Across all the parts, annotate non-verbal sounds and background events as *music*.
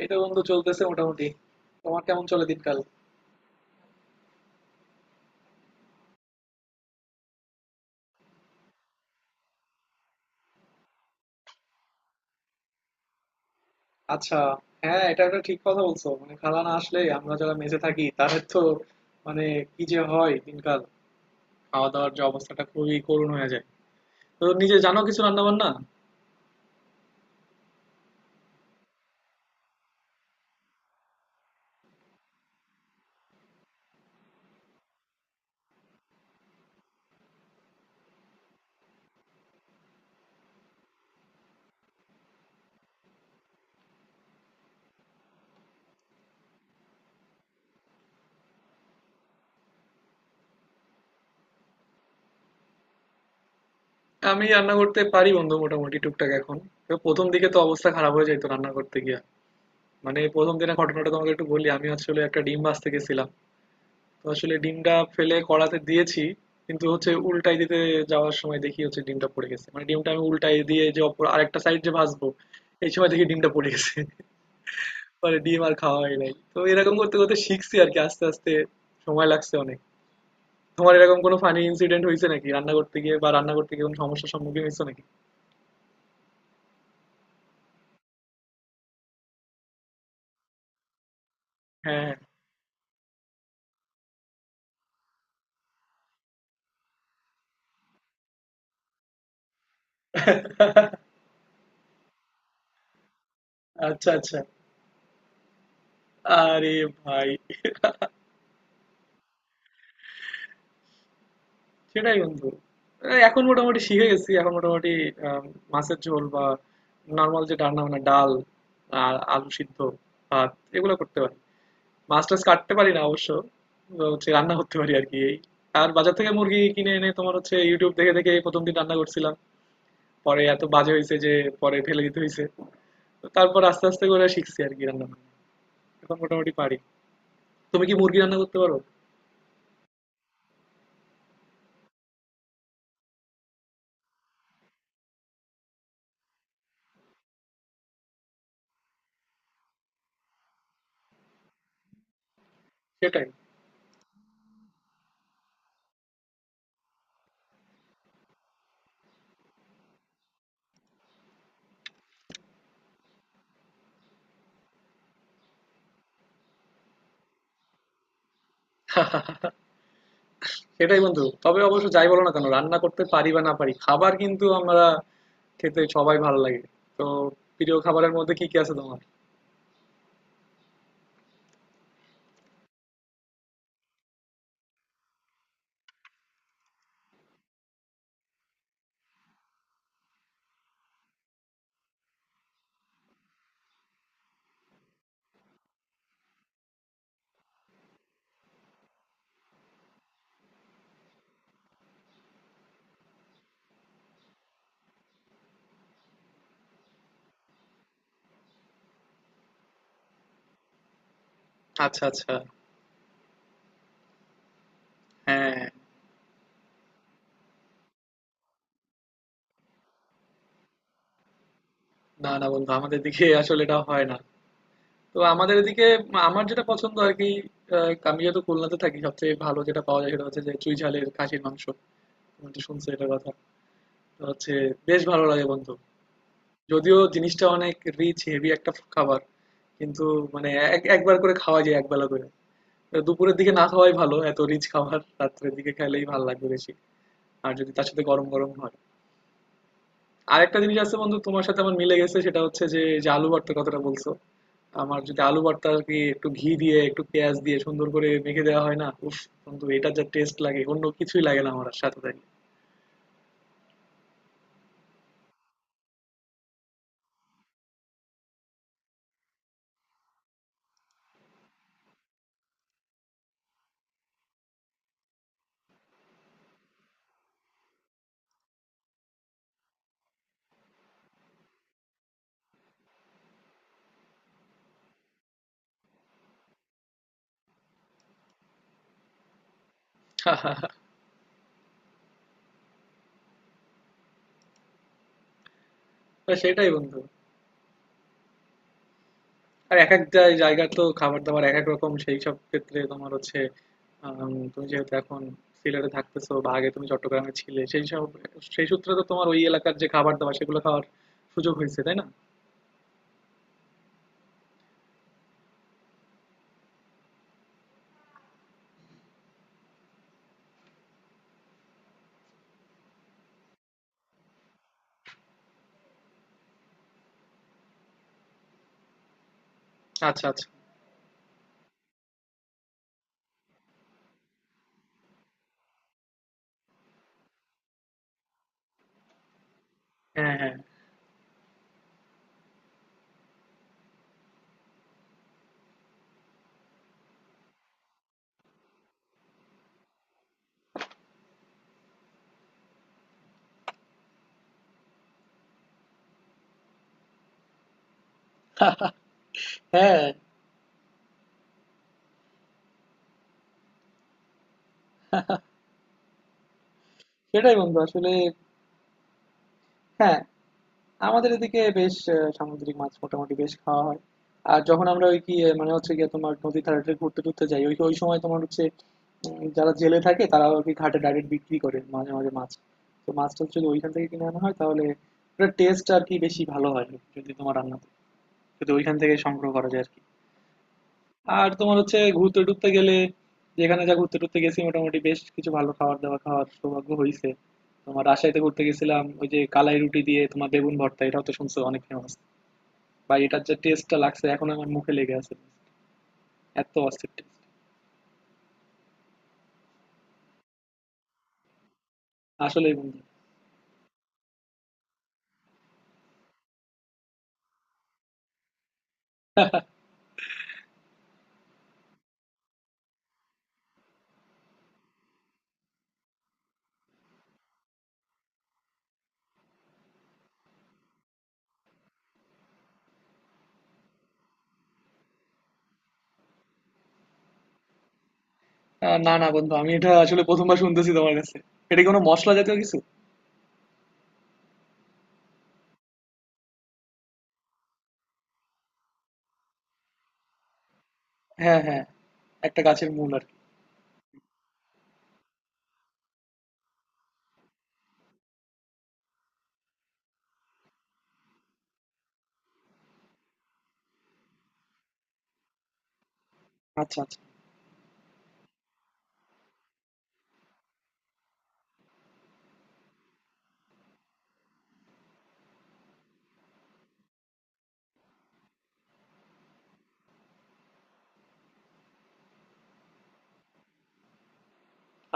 এই তো বন্ধু, চলতেছে মোটামুটি। তোমার কেমন চলে দিনকাল? আচ্ছা। হ্যাঁ, এটা একটা ঠিক কথা বলছো। মানে, খালা না আসলে আমরা যারা মেসে থাকি তাদের তো মানে, কি যে হয় দিনকাল। খাওয়া দাওয়ার যে অবস্থাটা খুবই করুণ হয়ে যায়। তো নিজে জানো কিছু রান্না বান্না? আমি রান্না করতে পারি বন্ধু, মোটামুটি টুকটাক এখন। তো প্রথম দিকে তো অবস্থা খারাপ হয়ে যেত রান্না করতে গিয়া। মানে প্রথম দিনের ঘটনাটা তোমাকে একটু বলি, আমি আসলে একটা ডিম ভাজতে গেছিলাম। তো আসলে ডিমটা ফেলে কড়াতে দিয়েছি, কিন্তু হচ্ছে উল্টাই দিতে যাওয়ার সময় দেখি হচ্ছে ডিমটা পড়ে গেছে। মানে ডিমটা আমি উল্টাই দিয়ে যে অপর আরেকটা সাইড যে ভাজবো, এই সময় দেখি ডিমটা পড়ে গেছে। *laughs* পরে ডিম আর খাওয়া হয় নাই। তো এরকম করতে করতে শিখছি আর কি, আস্তে আস্তে। সময় লাগছে অনেক। তোমার এরকম কোনো ফানি ইনসিডেন্ট হয়েছে নাকি রান্না করতে গিয়ে, বা রান্না করতে গিয়ে কোনো সমস্যার সম্মুখীন হয়েছে নাকি? হ্যাঁ, হ্যাঁ। *laughs* আচ্ছা, আচ্ছা। আরে ভাই! সেটাই বন্ধু। এই এখন মোটামুটি শিখে গেছি, এখন মোটামুটি আম, মাছের ঝোল বা নর্মাল যে রান্না বান্না, ডাল আর আলু সিদ্ধ, ভাত, এগুলো করতে পারি। মাছ টাছ কাটতে পারি না অবশ্য। তো হচ্ছে রান্না করতে পারি আর কি এই। আর বাজার থেকে মুরগি কিনে এনে তোমার হচ্ছে ইউটিউব দেখে দেখে প্রথম দিন রান্না করছিলাম। পরে এত বাজে হয়েছে যে পরে ফেলে দিতে হয়েছে। তো তারপর আস্তে আস্তে করে শিখছি আর কি রান্না বান্না। এখন মোটামুটি পারি। তুমি কি মুরগি রান্না করতে পারো? সেটাই সেটাই বন্ধু, তবে অবশ্য যাই বলো না কেন, রান্না করতে পারি বা না পারি, খাবার কিন্তু আমরা খেতে সবাই ভালো লাগে। তো প্রিয় খাবারের মধ্যে কি কি আছে তোমার? আচ্ছা, আচ্ছা। হ্যাঁ। না, না বন্ধু, আমাদের দিকে আসলে এটা হয় না। তো আমাদের এদিকে আমার যেটা পছন্দ আর কি, আমি যেহেতু খুলনাতে থাকি, সবচেয়ে ভালো যেটা পাওয়া যায় সেটা হচ্ছে যে চুই ঝালের খাসির মাংস। তুমি তো শুনছো এটার কথা। তো হচ্ছে বেশ ভালো লাগে বন্ধু। যদিও জিনিসটা অনেক রিচ, হেভি একটা খাবার, কিন্তু মানে একবার করে খাওয়া যায়, একবেলা করে। দুপুরের দিকে না খাওয়াই ভালো, এত রিচ খাবার রাত্রের দিকে খেলেই ভালো লাগবে বেশি। আর যদি তার সাথে গরম গরম হয়। আরেকটা জিনিস আছে বন্ধু, তোমার সাথে আমার মিলে গেছে, সেটা হচ্ছে যে যে আলু ভর্তার কথাটা বলছো। আমার যদি আলু ভর্তা আর কি একটু ঘি দিয়ে একটু পেঁয়াজ দিয়ে সুন্দর করে মেখে দেওয়া হয়, না উফ, বন্ধু এটা যা টেস্ট লাগে, অন্য কিছুই লাগে না আমার আর সাথে তাই। *laughs* সেটাই বন্ধু। আর এক এক জায়গার তো খাবার দাবার এক এক রকম। সেই সব ক্ষেত্রে তোমার হচ্ছে তুমি যেহেতু এখন সিলেটে থাকতেছো, বা আগে তুমি চট্টগ্রামে ছিলে, সেই সব, সেই সূত্রে তো তোমার ওই এলাকার যে খাবার দাবার সেগুলো খাওয়ার সুযোগ হয়েছে, তাই না? আচ্ছা, আচ্ছা। হ্যাঁ, হ্যাঁ। হ্যাঁ, সেটাই বন্ধু, আসলে। হ্যাঁ, আমাদের এদিকে বেশ সামুদ্রিক মাছ মোটামুটি বেশ খাওয়া হয়। আর যখন আমরা ওই কি মানে হচ্ছে গিয়ে তোমার নদী ধারে ঘুরতে টুরতে যাই, ওই ওই সময় তোমার হচ্ছে যারা জেলে থাকে তারা আর কি ঘাটে ডাইরেক্ট বিক্রি করে মাঝে মাঝে মাছ। তো মাছটা যদি ওইখান থেকে কিনে আনা হয় তাহলে ওটার টেস্ট আর কি বেশি ভালো হয়। যদি তোমার রান্না, যদি ওইখান থেকে সংগ্রহ করা যায় আর কি। আর তোমার হচ্ছে ঘুরতে টুরতে গেলে, যেখানে যা ঘুরতে টুরতে গেছি, মোটামুটি বেশ কিছু ভালো খাবার দাবার খাওয়ার সৌভাগ্য হয়েছে। তোমার রাজশাহীতে ঘুরতে গেছিলাম, ওই যে কালাই রুটি দিয়ে তোমার বেগুন ভর্তা, এটাও তো শুনছো অনেক ফেমাস। ভাই, এটার যে টেস্টটা লাগছে এখন আমার মুখে লেগে আছে। এত অস্থির টেস্ট! আসলে বন্ধু না, না বন্ধু, আমি এটা আসলে প্রথমবার শুনতেছি তোমার কাছে। এটা কি কোনো মশলা জাতীয় কিছু? হ্যাঁ, হ্যাঁ, একটা গাছের মূল আর কি। আচ্ছা, আচ্ছা।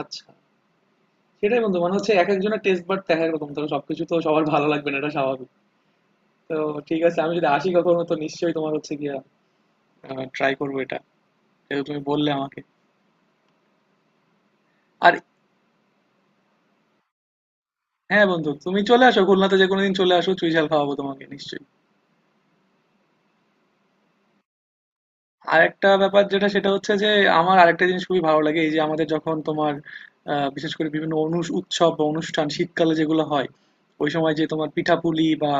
আচ্ছা, সেটাই বন্ধু, মনে হচ্ছে এক একজনের টেস্ট, বাট দেখা এরকম, তবে সবকিছু তো সবার ভালো লাগবে না, এটা স্বাভাবিক। তো ঠিক আছে, আমি যদি আসি কখনো তো নিশ্চয়ই তোমার হচ্ছে গিয়া ট্রাই করবো এটা, যেহেতু তুমি বললে আমাকে। আর হ্যাঁ বন্ধু, তুমি চলে আসো খুলনাতে, যে কোনোদিন চলে আসো, চুই ঝাল খাওয়াবো তোমাকে নিশ্চয়ই। আরেকটা ব্যাপার যেটা, সেটা হচ্ছে যে আমার আরেকটা জিনিস খুবই ভালো লাগে, এই যে আমাদের যখন তোমার বিশেষ করে বিভিন্ন উৎসব বা অনুষ্ঠান শীতকালে যেগুলো হয়, ওই সময় যে তোমার পিঠাপুলি, বা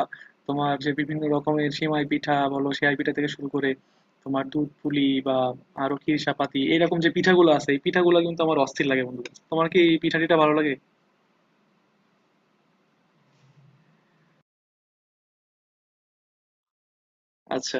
তোমার যে বিভিন্ন রকমের সেমাই পিঠা বলো, সেমাই পিঠা থেকে শুরু করে তোমার দুধ পুলি বা আরো ক্ষীরসাপাতি, এরকম যে পিঠাগুলো আছে, এই পিঠাগুলো কিন্তু আমার অস্থির লাগে বন্ধু। তোমার কি এই পিঠা টিঠা ভালো লাগে? আচ্ছা,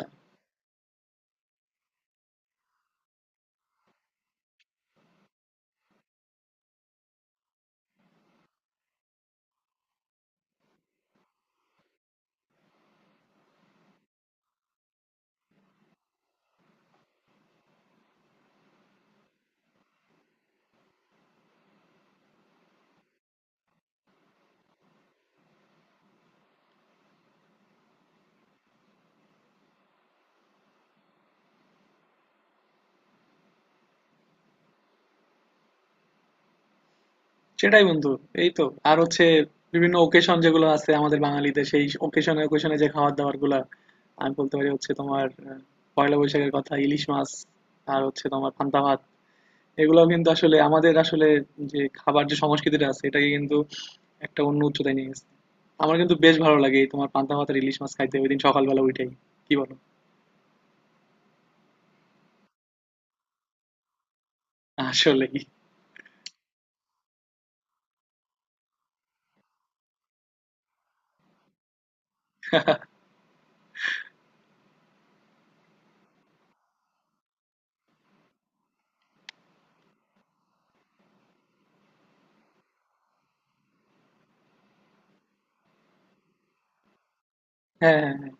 সেটাই বন্ধু। এই তো। আর হচ্ছে বিভিন্ন ওকেশন যেগুলো আছে আমাদের বাঙালিদের, সেই ওকেশনে ওকেশনে যে খাবার দাবার গুলা, আমি বলতে পারি হচ্ছে তোমার পয়লা বৈশাখের কথা, ইলিশ মাছ, আর হচ্ছে তোমার পান্তা ভাত, এগুলো কিন্তু আসলে আমাদের আসলে যে খাবার, যে সংস্কৃতিটা আছে, এটাকে কিন্তু একটা অন্য উচ্চতায় নিয়ে গেছে। আমার কিন্তু বেশ ভালো লাগে এই তোমার পান্তা ভাত আর ইলিশ মাছ খাইতে, ওইদিন সকালবেলা উঠেই। কি বলো? আসলেই। হ্যাঁ, হ্যাঁ, হ্যাঁ।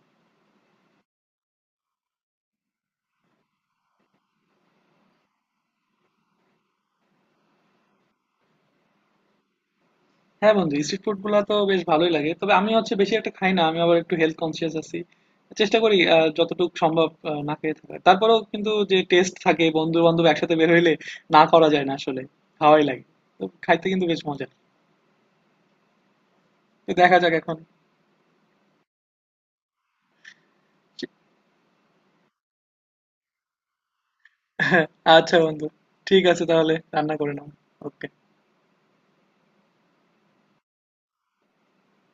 হ্যাঁ বন্ধু, স্ট্রিট ফুড গুলা তো বেশ ভালোই লাগে, তবে আমি হচ্ছে বেশি একটা খাই না, আমি আবার একটু হেলথ কনসিয়াস আছি। চেষ্টা করি যতটুকু সম্ভব না খেয়ে থাকার, তারপরেও কিন্তু যে টেস্ট থাকে বন্ধু বান্ধব একসাথে বের হইলে, না করা যায় না আসলে, খাওয়াই লাগে। তো খাইতে কিন্তু বেশ মজা। তো দেখা যাক এখন। *laughs* আচ্ছা বন্ধু, ঠিক আছে তাহলে রান্না করে নাও। ওকে।